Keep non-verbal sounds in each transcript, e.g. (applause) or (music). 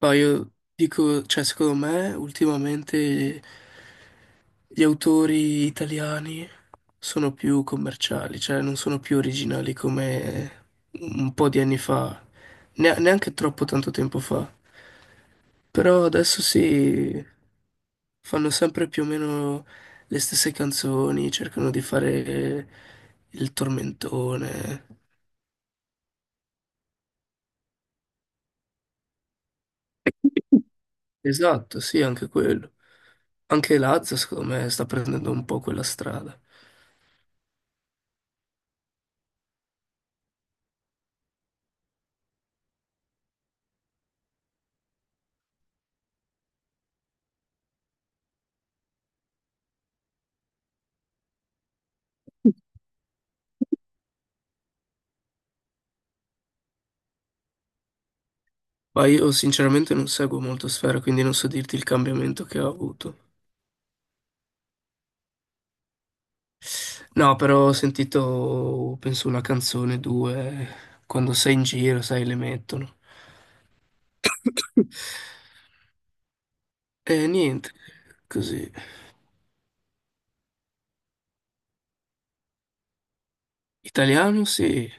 Ma io dico, cioè, secondo me ultimamente gli autori italiani sono più commerciali, cioè non sono più originali come un po' di anni fa, neanche troppo tanto tempo fa. Però adesso sì, fanno sempre più o meno le stesse canzoni, cercano di fare il tormentone. (laughs) Esatto, sì, anche quello. Anche Lazza, secondo me, sta prendendo un po' quella strada. Ma io sinceramente non seguo molto Sfera, quindi non so dirti il cambiamento che ha avuto. No, però ho sentito, penso, una canzone, due, quando sei in giro, sai, le mettono. (coughs) E niente, così. Italiano sì,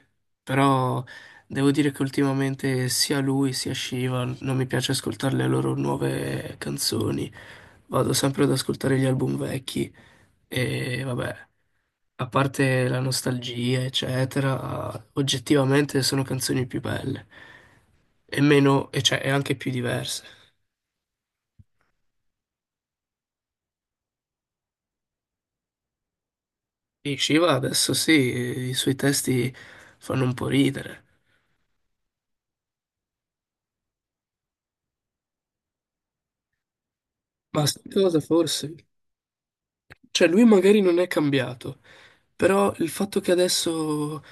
però devo dire che ultimamente sia lui sia Shiva non mi piace ascoltare le loro nuove canzoni. Vado sempre ad ascoltare gli album vecchi. E vabbè, a parte la nostalgia, eccetera, oggettivamente sono canzoni più belle e meno, e cioè, e anche più diverse. E Shiva adesso sì, i suoi testi fanno un po' ridere. Ma sai cosa forse? Cioè, lui magari non è cambiato, però il fatto che adesso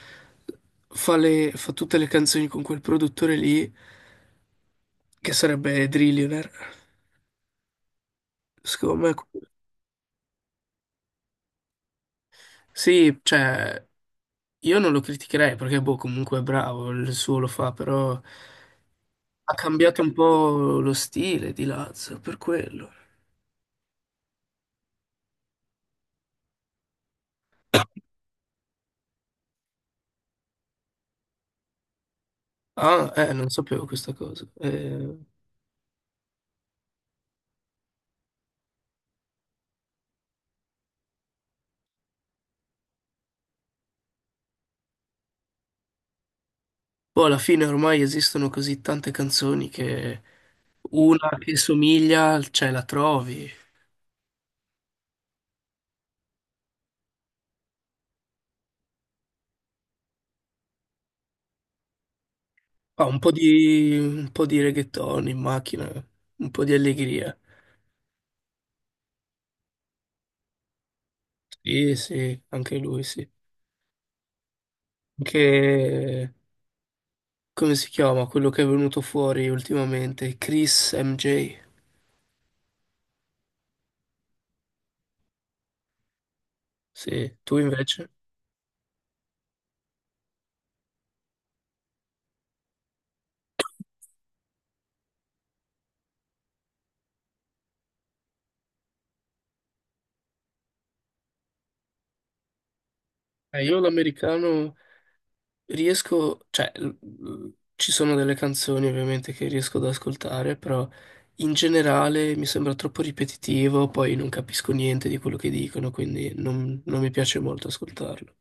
fa tutte le canzoni con quel produttore lì, che sarebbe Drillionaire, secondo me... Sì, cioè... Io non lo criticherei perché, boh, comunque è bravo, il suo lo fa, però ha cambiato un po' lo stile di Lazio, per quello. Ah, non sapevo questa cosa. Boh, alla fine ormai esistono così tante canzoni che una che somiglia, cioè la trovi. Ah, un po' di reggaeton in macchina, un po' di allegria. Sì, sì, anche lui, sì. Anche, come si chiama, quello che è venuto fuori ultimamente, Chris MJ. Sì, tu invece? Io l'americano riesco, cioè ci sono delle canzoni ovviamente che riesco ad ascoltare, però in generale mi sembra troppo ripetitivo, poi non capisco niente di quello che dicono, quindi non mi piace molto ascoltarlo.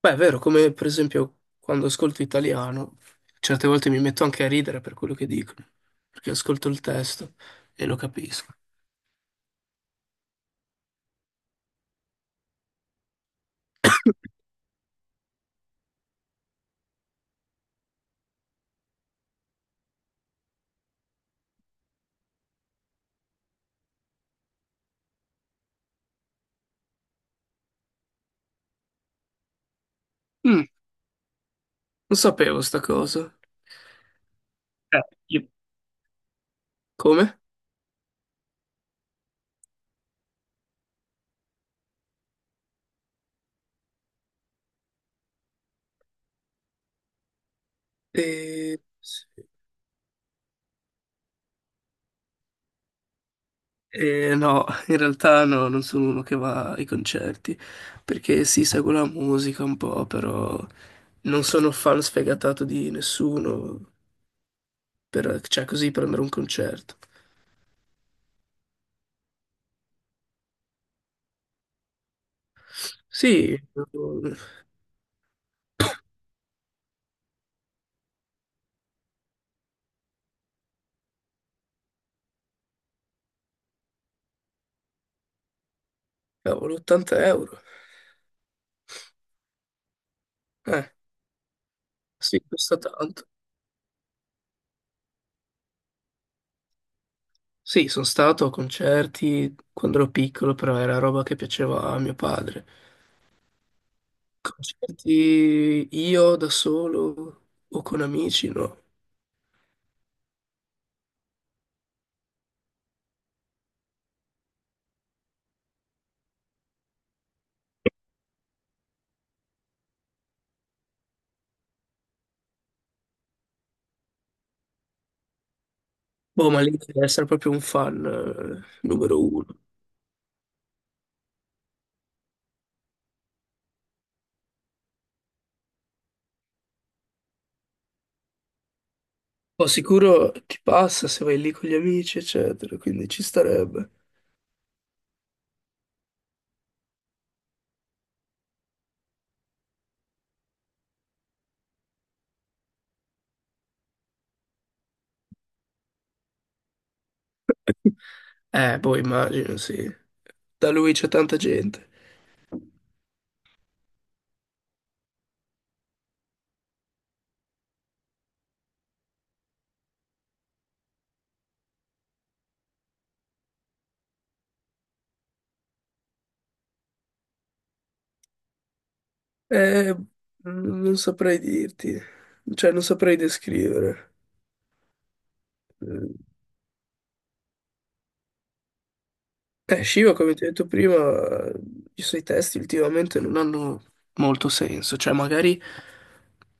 Beh, è vero, come per esempio quando ascolto italiano, certe volte mi metto anche a ridere per quello che dicono, perché ascolto il testo e lo capisco. Mm, Non sapevo sta cosa. Eh, io- Come? Sì. No, in realtà no, non sono uno che va ai concerti, perché sì, seguo la musica un po', però non sono fan sfegatato di nessuno, cioè così per andare a un concerto. Sì, cavolo, 80 euro. Eh, sì, costa tanto. Sì, sono stato a concerti quando ero piccolo, però era roba che piaceva a mio padre. Concerti io da solo o con amici, no. Boh, ma lì deve essere proprio un fan numero uno. Poi sicuro ti passa se vai lì con gli amici, eccetera, quindi ci starebbe. Boh, immagino, sì. Da lui c'è tanta gente. Non saprei dirti, cioè non saprei descrivere. Eh, Shiva, come ti ho detto prima, i suoi testi ultimamente non hanno molto senso, cioè magari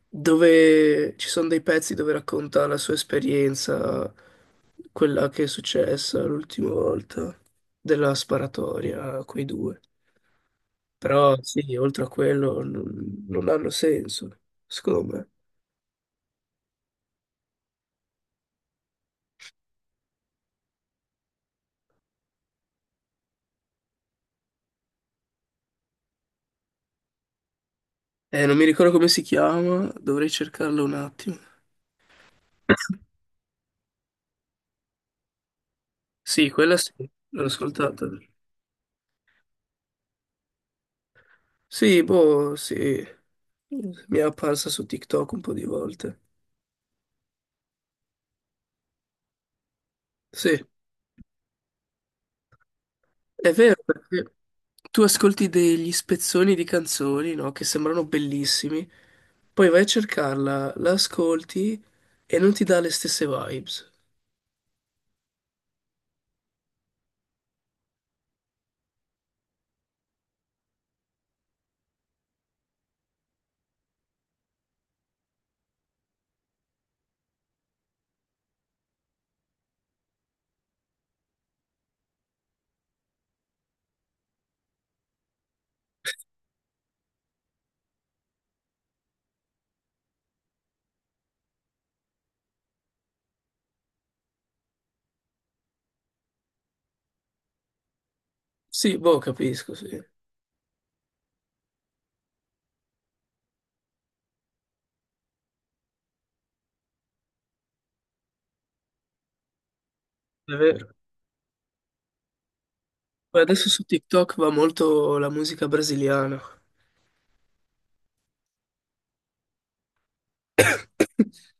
dove ci sono dei pezzi dove racconta la sua esperienza, quella che è successa l'ultima volta, della sparatoria, quei due. Però sì, oltre a quello non, non hanno senso, secondo me. Non mi ricordo come si chiama, dovrei cercarlo un attimo. (laughs) Sì, quella sì, l'ho ascoltata. Sì, boh, sì. Mi è apparsa su TikTok un po' di volte. Sì, è vero perché tu ascolti degli spezzoni di canzoni, no? Che sembrano bellissimi, poi vai a cercarla, la ascolti e non ti dà le stesse vibes. Sì, boh, capisco, sì. È vero. Poi adesso su TikTok va molto la musica brasiliana. (laughs)